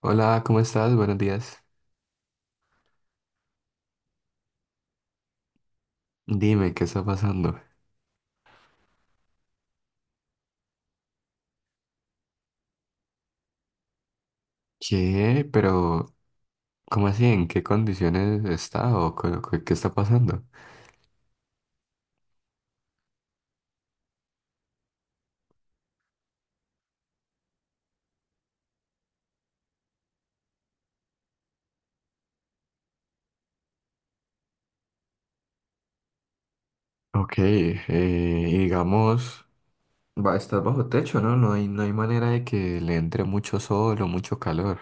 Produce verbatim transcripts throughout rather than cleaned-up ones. Hola, ¿cómo estás? Buenos días. Dime, ¿qué está pasando? ¿Qué? Pero, ¿cómo así? ¿En qué condiciones está o qué, qué- qué está pasando? Ok, eh, y digamos, va, estás bajo techo, ¿no? No hay, no hay manera de que le entre mucho sol o mucho calor.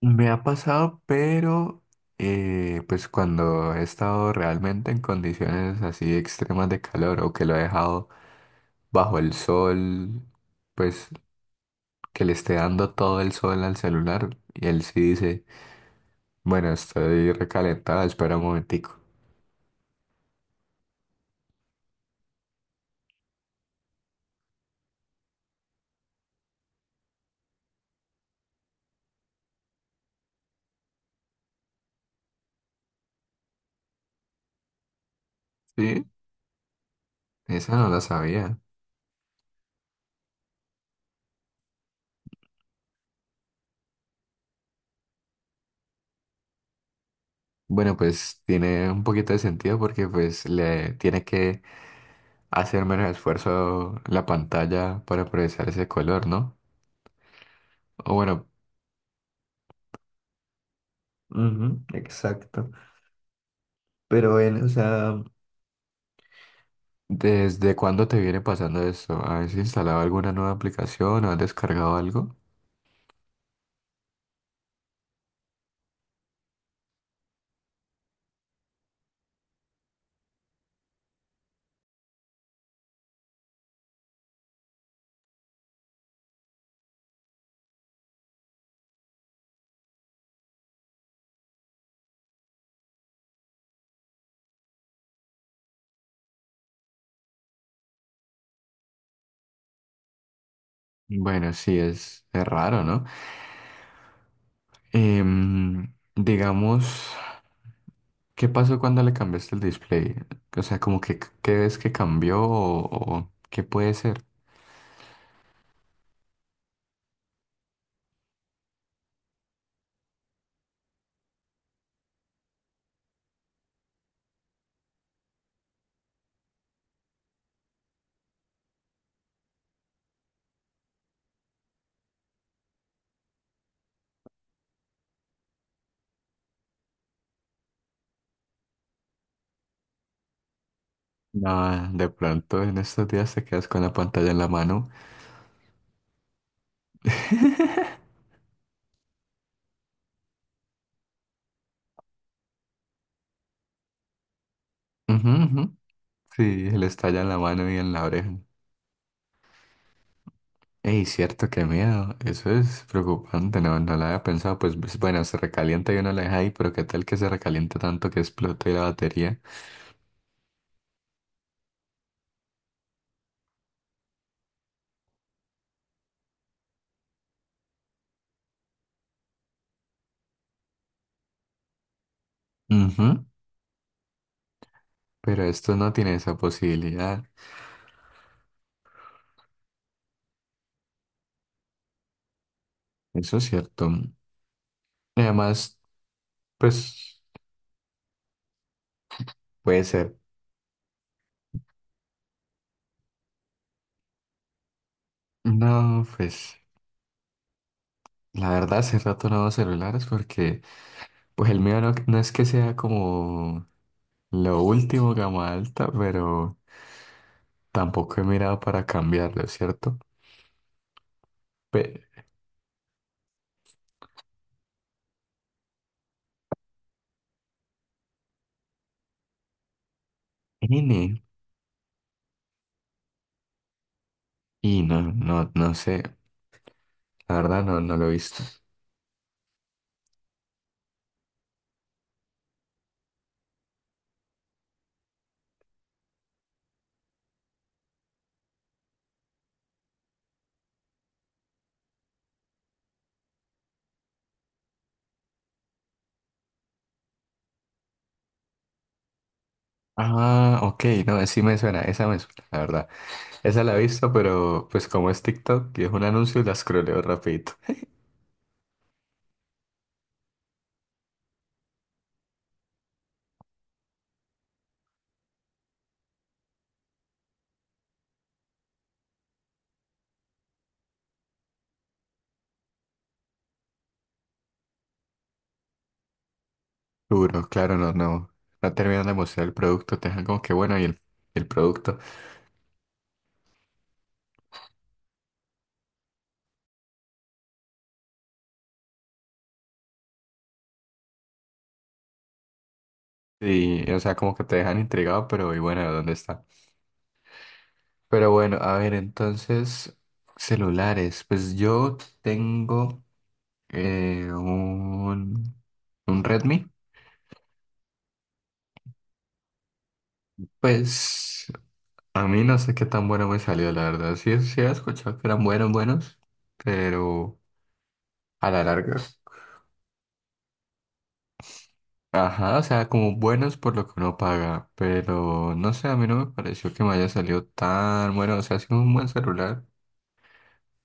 Me ha pasado, pero eh, pues cuando he estado realmente en condiciones así extremas de calor o que lo he dejado bajo el sol, pues que le esté dando todo el sol al celular y él sí dice, bueno, estoy recalentada, espera un momentico. Sí, esa no la sabía. Bueno, pues tiene un poquito de sentido porque pues le tiene que hacer menos esfuerzo la pantalla para procesar ese color, ¿no? O bueno, ujú, exacto. Pero él, o sea, ¿desde cuándo te viene pasando esto? ¿Has instalado alguna nueva aplicación o has descargado algo? Bueno, sí, es, es raro, ¿no? Em, digamos, ¿qué pasó cuando le cambiaste el display? O sea, como que qué ves que cambió o, o qué puede ser. Nada, de pronto en estos días te quedas con la pantalla en la mano. Ujú, ujú. Sí, le estalla en la mano y en la oreja. Ey, cierto, qué miedo. Eso es preocupante, no, no lo había pensado. Pues pues, bueno, se recalienta y uno la deja ahí, pero qué tal que se recaliente tanto que explote la batería. Ujú, pero esto no tiene esa posibilidad. Eso es cierto, además, pues puede ser. No, pues la verdad hace rato no hago celulares porque pues el mío no, no es que sea como lo último gama alta, pero tampoco he mirado para cambiarlo, ¿cierto? Pe- N, y no, no, no sé, la verdad no, no lo he visto. Ah, ok, no, sí me suena, esa me suena, la verdad. Esa la he visto, pero pues como es TikTok y es un anuncio, la scrolleo rapidito. Duro, claro, no, no. No terminan de mostrar el producto, te dejan como que bueno, y el, el producto. Y, o sea, como que te dejan intrigado, pero y bueno, ¿dónde está? Pero bueno, a ver, entonces, celulares. Pues yo tengo eh, un, un Redmi. Pues a mí no sé qué tan bueno me salió, la verdad. Sí, sí he escuchado que eran buenos, buenos, pero a la larga. Ajá, o sea, como buenos por lo que uno paga, pero no sé, a mí no me pareció que me haya salido tan bueno, o sea, ha sido un buen celular,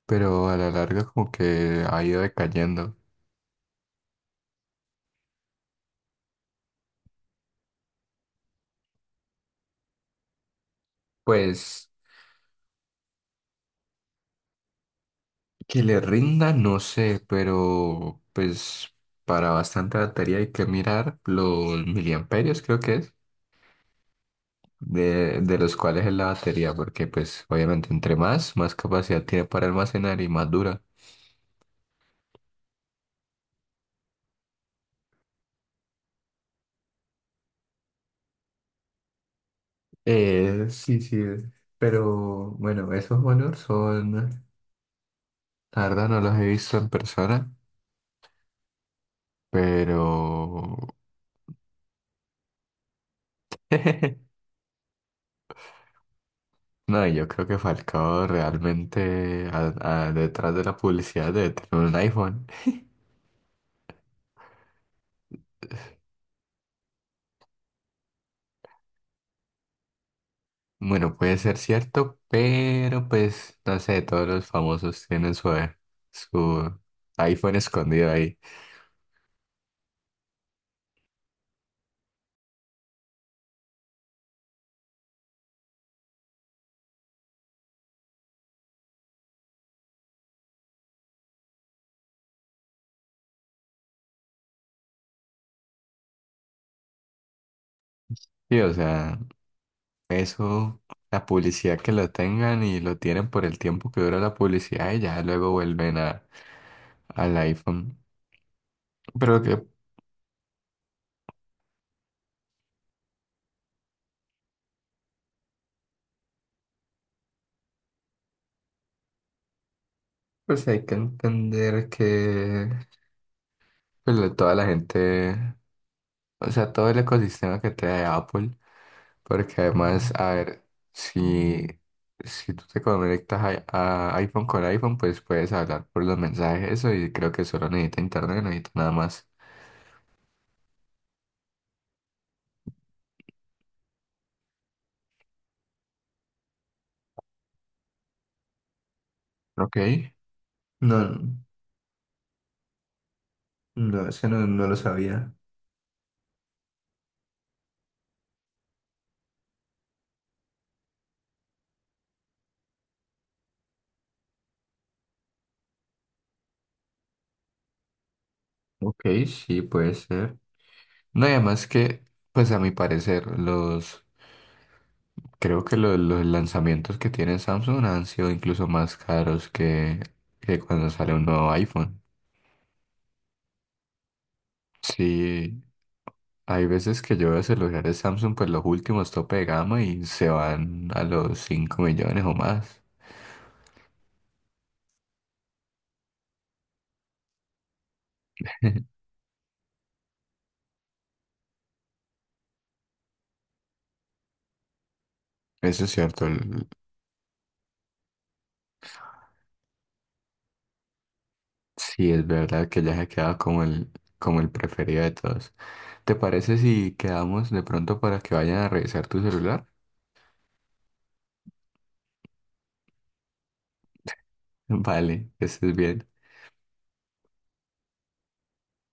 pero a la larga como que ha ido decayendo. Pues que le rinda, no sé, pero pues para bastante batería hay que mirar los miliamperios, creo que es, de, de los cuales es la batería, porque pues obviamente entre más, más capacidad tiene para almacenar y más dura. Eh, sí, sí, pero bueno, esos valores son, la verdad no los he visto en persona, pero no, yo creo que Falcao realmente a- a- detrás de la publicidad debe tener un iPhone. Bueno, puede ser cierto, pero pues no sé, todos los famosos tienen su, su iPhone escondido ahí. Sí, o sea, eso la publicidad que lo tengan y lo tienen por el tiempo que dura la publicidad y ya luego vuelven a, al iPhone. Pero lo que pues hay que entender que pues, la- toda la gente, o sea, todo el ecosistema que trae Apple, porque además, a ver, si, si tú te conectas a, a iPhone con iPhone, pues puedes hablar por los mensajes, eso, y creo que solo necesita internet, no necesita nada más. Ok. No, no, ese no, no lo sabía. Ok, sí, puede ser. No, y además que, pues a mi parecer, los... Creo que lo- los lanzamientos que tiene Samsung han sido incluso más caros que, que cuando sale un nuevo iPhone. Sí, hay veces que yo veo celulares Samsung, pues los últimos tope de gama y se van a los cinco millones o más. Eso es cierto, el- sí es verdad que ya se queda como el, como el preferido de todos. ¿Te parece si quedamos de pronto para que vayan a revisar tu celular? Vale, que estés bien.